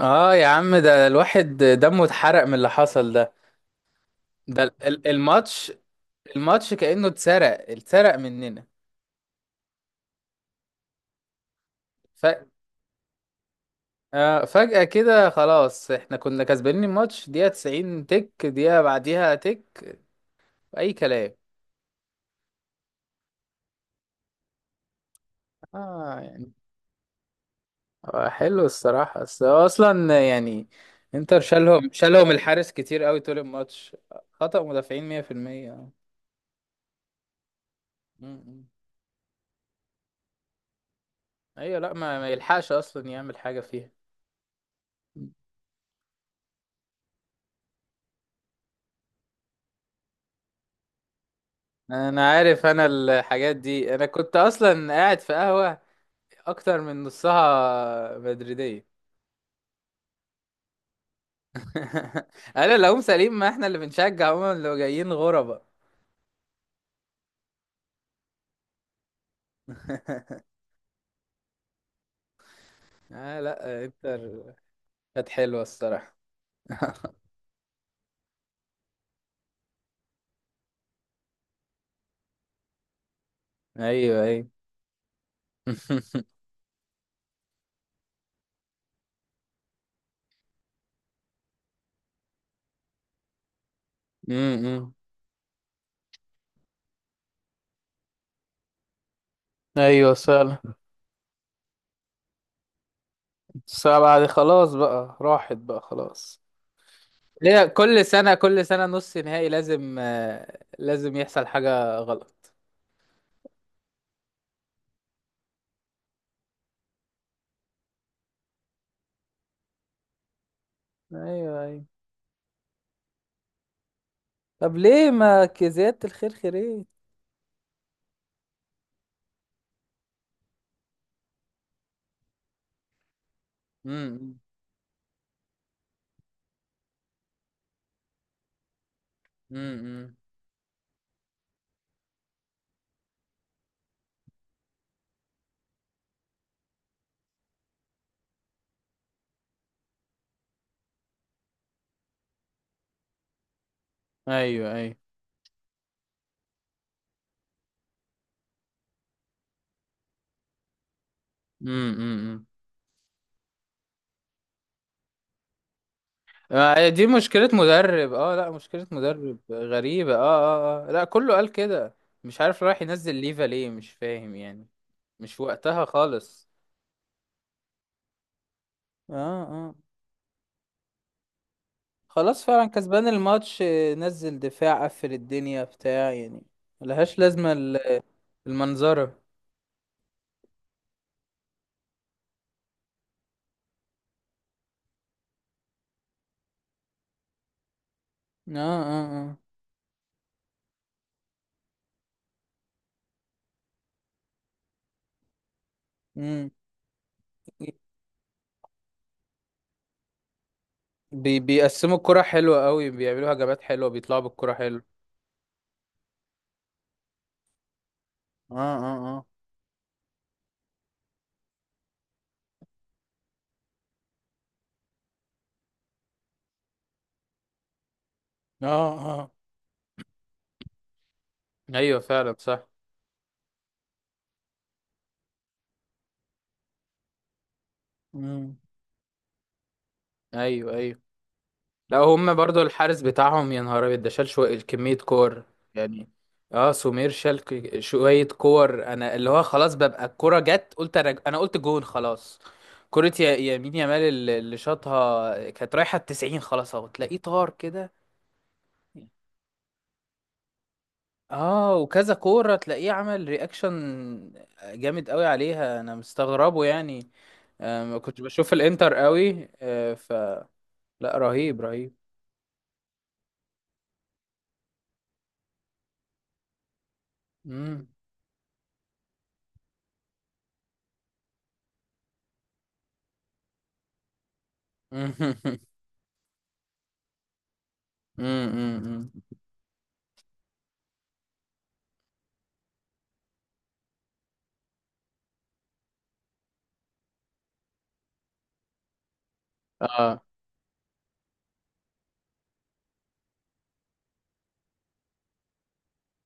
اه يا عم، ده الواحد دمه اتحرق من اللي حصل ده. ده الماتش كأنه اتسرق مننا. ف... فجأة كده خلاص احنا كنا كسبانين الماتش دقيقة 90 تك، دقيقة بعديها تك. أي كلام. اه يعني حلو الصراحة، بس هو أصلا يعني انتر شالهم الحارس كتير قوي طول الماتش. خطأ مدافعين 100%. اه م- م. ايوه. لا، ما يلحقش أصلا يعمل حاجة فيها. انا عارف، انا الحاجات دي انا كنت اصلا قاعد في قهوة اكتر من نصها مدريدية. انا اللي هم سليم، ما احنا اللي بنشجع هم اللي جايين غربة. آه، لا انتر كانت حلوة الصراحة. ايوه ايوه. امم ايوه فعلا. السبعة دي خلاص بقى راحت بقى خلاص. ليه كل سنة كل سنة نص نهائي لازم لازم يحصل حاجة غلط؟ ايوه ايوه. طب ليه ما زيادة الخير خيرين؟ امم امم ايوه ايوه. امم امم دي مشكلة مدرب، لا مشكلة مدرب غريبة. اه لا، كله قال كده، مش عارف رايح ينزل ليفا ليه، مش فاهم يعني، مش وقتها خالص. اه اه. خلاص فعلا كسبان الماتش، نزل دفاع قفل الدنيا بتاع يعني. ملهاش لازمة المنظرة. اه اه اه مم. بيقسموا الكرة حلوة قوي، بيعملوا هجمات حلوة، بيطلعوا بالكرة حلوة. اه اه اه اه اه ايوه فعلا صح. مم. ايوه ايوه. لا هم برضو الحارس بتاعهم يا نهار ابيض، ده شال شوية كمية كور يعني. اه، سمير شال شوية كور، انا اللي هو خلاص ببقى الكرة جت، قلت انا قلت جون خلاص. كرة يمين يامال، اللي شاطها كانت رايحة التسعين خلاص، اهو تلاقيه طار كده. اه، وكذا كورة تلاقيه عمل رياكشن جامد قوي عليها، انا مستغربه يعني. ما كنتش بشوف الانتر قوي، آه، ف لا، رهيب رهيب. مم. امم اه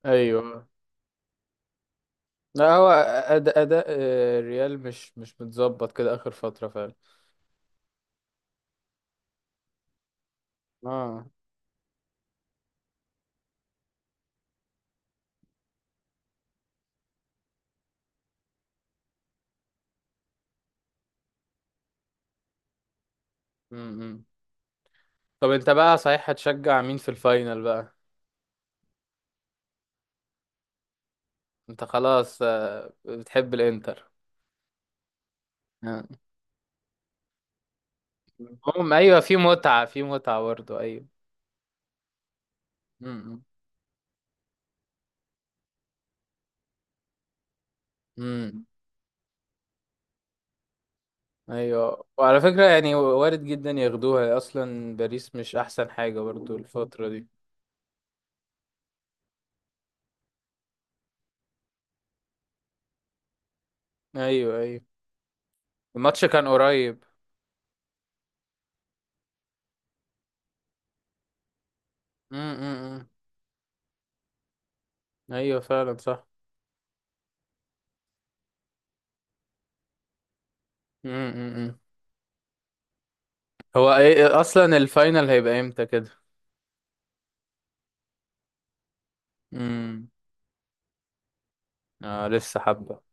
ايوه. لا، هو اداء الريال مش متظبط كده اخر فترة فعلا. اه. امم طب انت بقى صحيح هتشجع مين في الفاينل بقى؟ انت خلاص بتحب الانتر. آه. المهم ايوه، في متعة في متعة برضه، ايوه. امم امم ايوه. وعلى فكرة يعني وارد جدا ياخدوها، اصلا باريس مش احسن حاجة برضو الفترة دي. ايوه ايوه. الماتش كان قريب. امم امم، امم. ايوه فعلا صح. امم امم، امم. هو ايه اصلا الفاينل هيبقى امتى كده؟ امم اه، لسه حبة.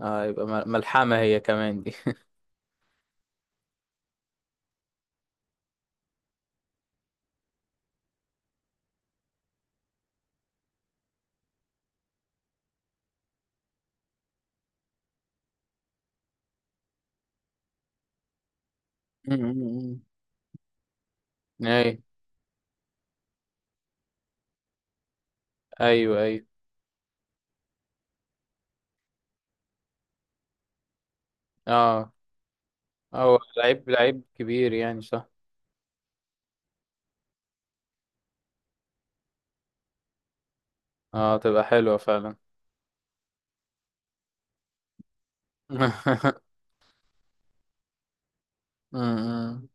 اه، يبقى ملحمة هي كمان دي. امم امم، ايوه ايوه ايوه. اه هو لعيب لعيب كبير يعني صح. اه، تبقى حلوة فعلا. امم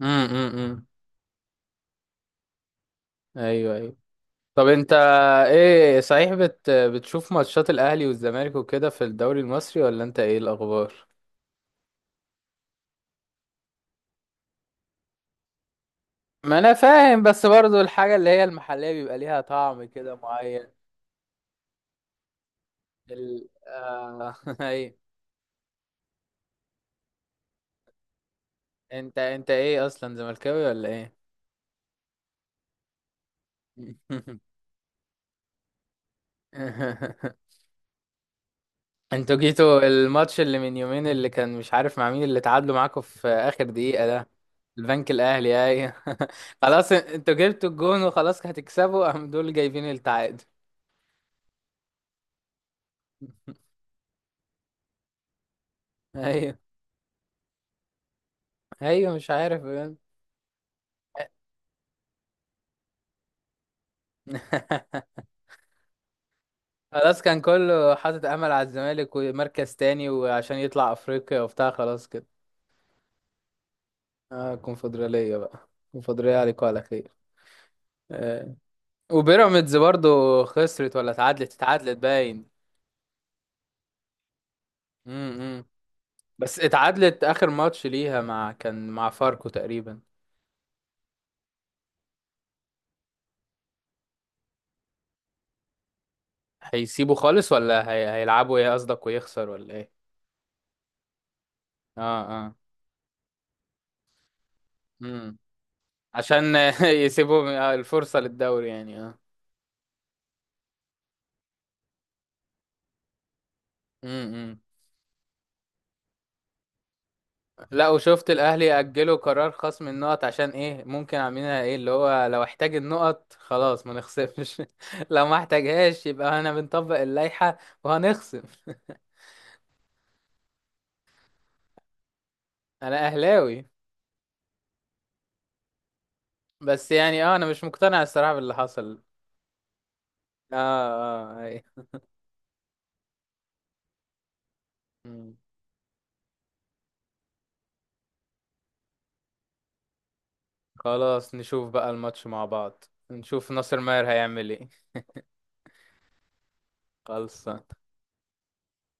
امم ايوه ايوه. طب انت ايه صحيح، بتشوف ماتشات الاهلي والزمالك وكده في الدوري المصري ولا انت ايه الاخبار؟ ما انا فاهم، بس برضو الحاجه اللي هي المحليه بيبقى ليها طعم كده معين. ال آه... ايوه. انت ايه اصلا، زملكاوي ولا ايه؟ انتوا جيتوا الماتش اللي من يومين اللي كان مش عارف مع مين، اللي تعادلوا معاكم في اخر دقيقة ده، البنك الاهلي؟ اي. خلاص، انتوا جبتوا الجون وخلاص هتكسبوا، قام دول جايبين التعادل. ايوه ايوه، مش عارف بجد. خلاص كان كله حاطط امل على الزمالك ومركز تاني، وعشان يطلع افريقيا وبتاع خلاص كده. اه كونفدرالية بقى، كونفدرالية عليكم على خير. آه. وبيراميدز برضو خسرت ولا اتعادلت باين. امم بس اتعادلت اخر ماتش ليها مع كان مع فاركو تقريبا. هيسيبوا خالص ولا هيلعبوا ايه قصدك، ويخسر ولا ايه؟ اه اه. امم عشان يسيبوا الفرصة للدوري يعني، اه. امم لا، وشفت الاهلي يأجلوا قرار خصم النقط عشان ايه؟ ممكن عاملينها ايه اللي هو لو احتاج النقط خلاص ما نخصمش، لو ما احتاجهاش يبقى انا بنطبق اللائحة وهنخصم. انا اهلاوي، بس يعني اه انا مش مقتنع الصراحة باللي حصل. اه اه. أي. خلاص نشوف بقى الماتش مع بعض، نشوف ناصر ماهر هيعمل ايه. خلصان.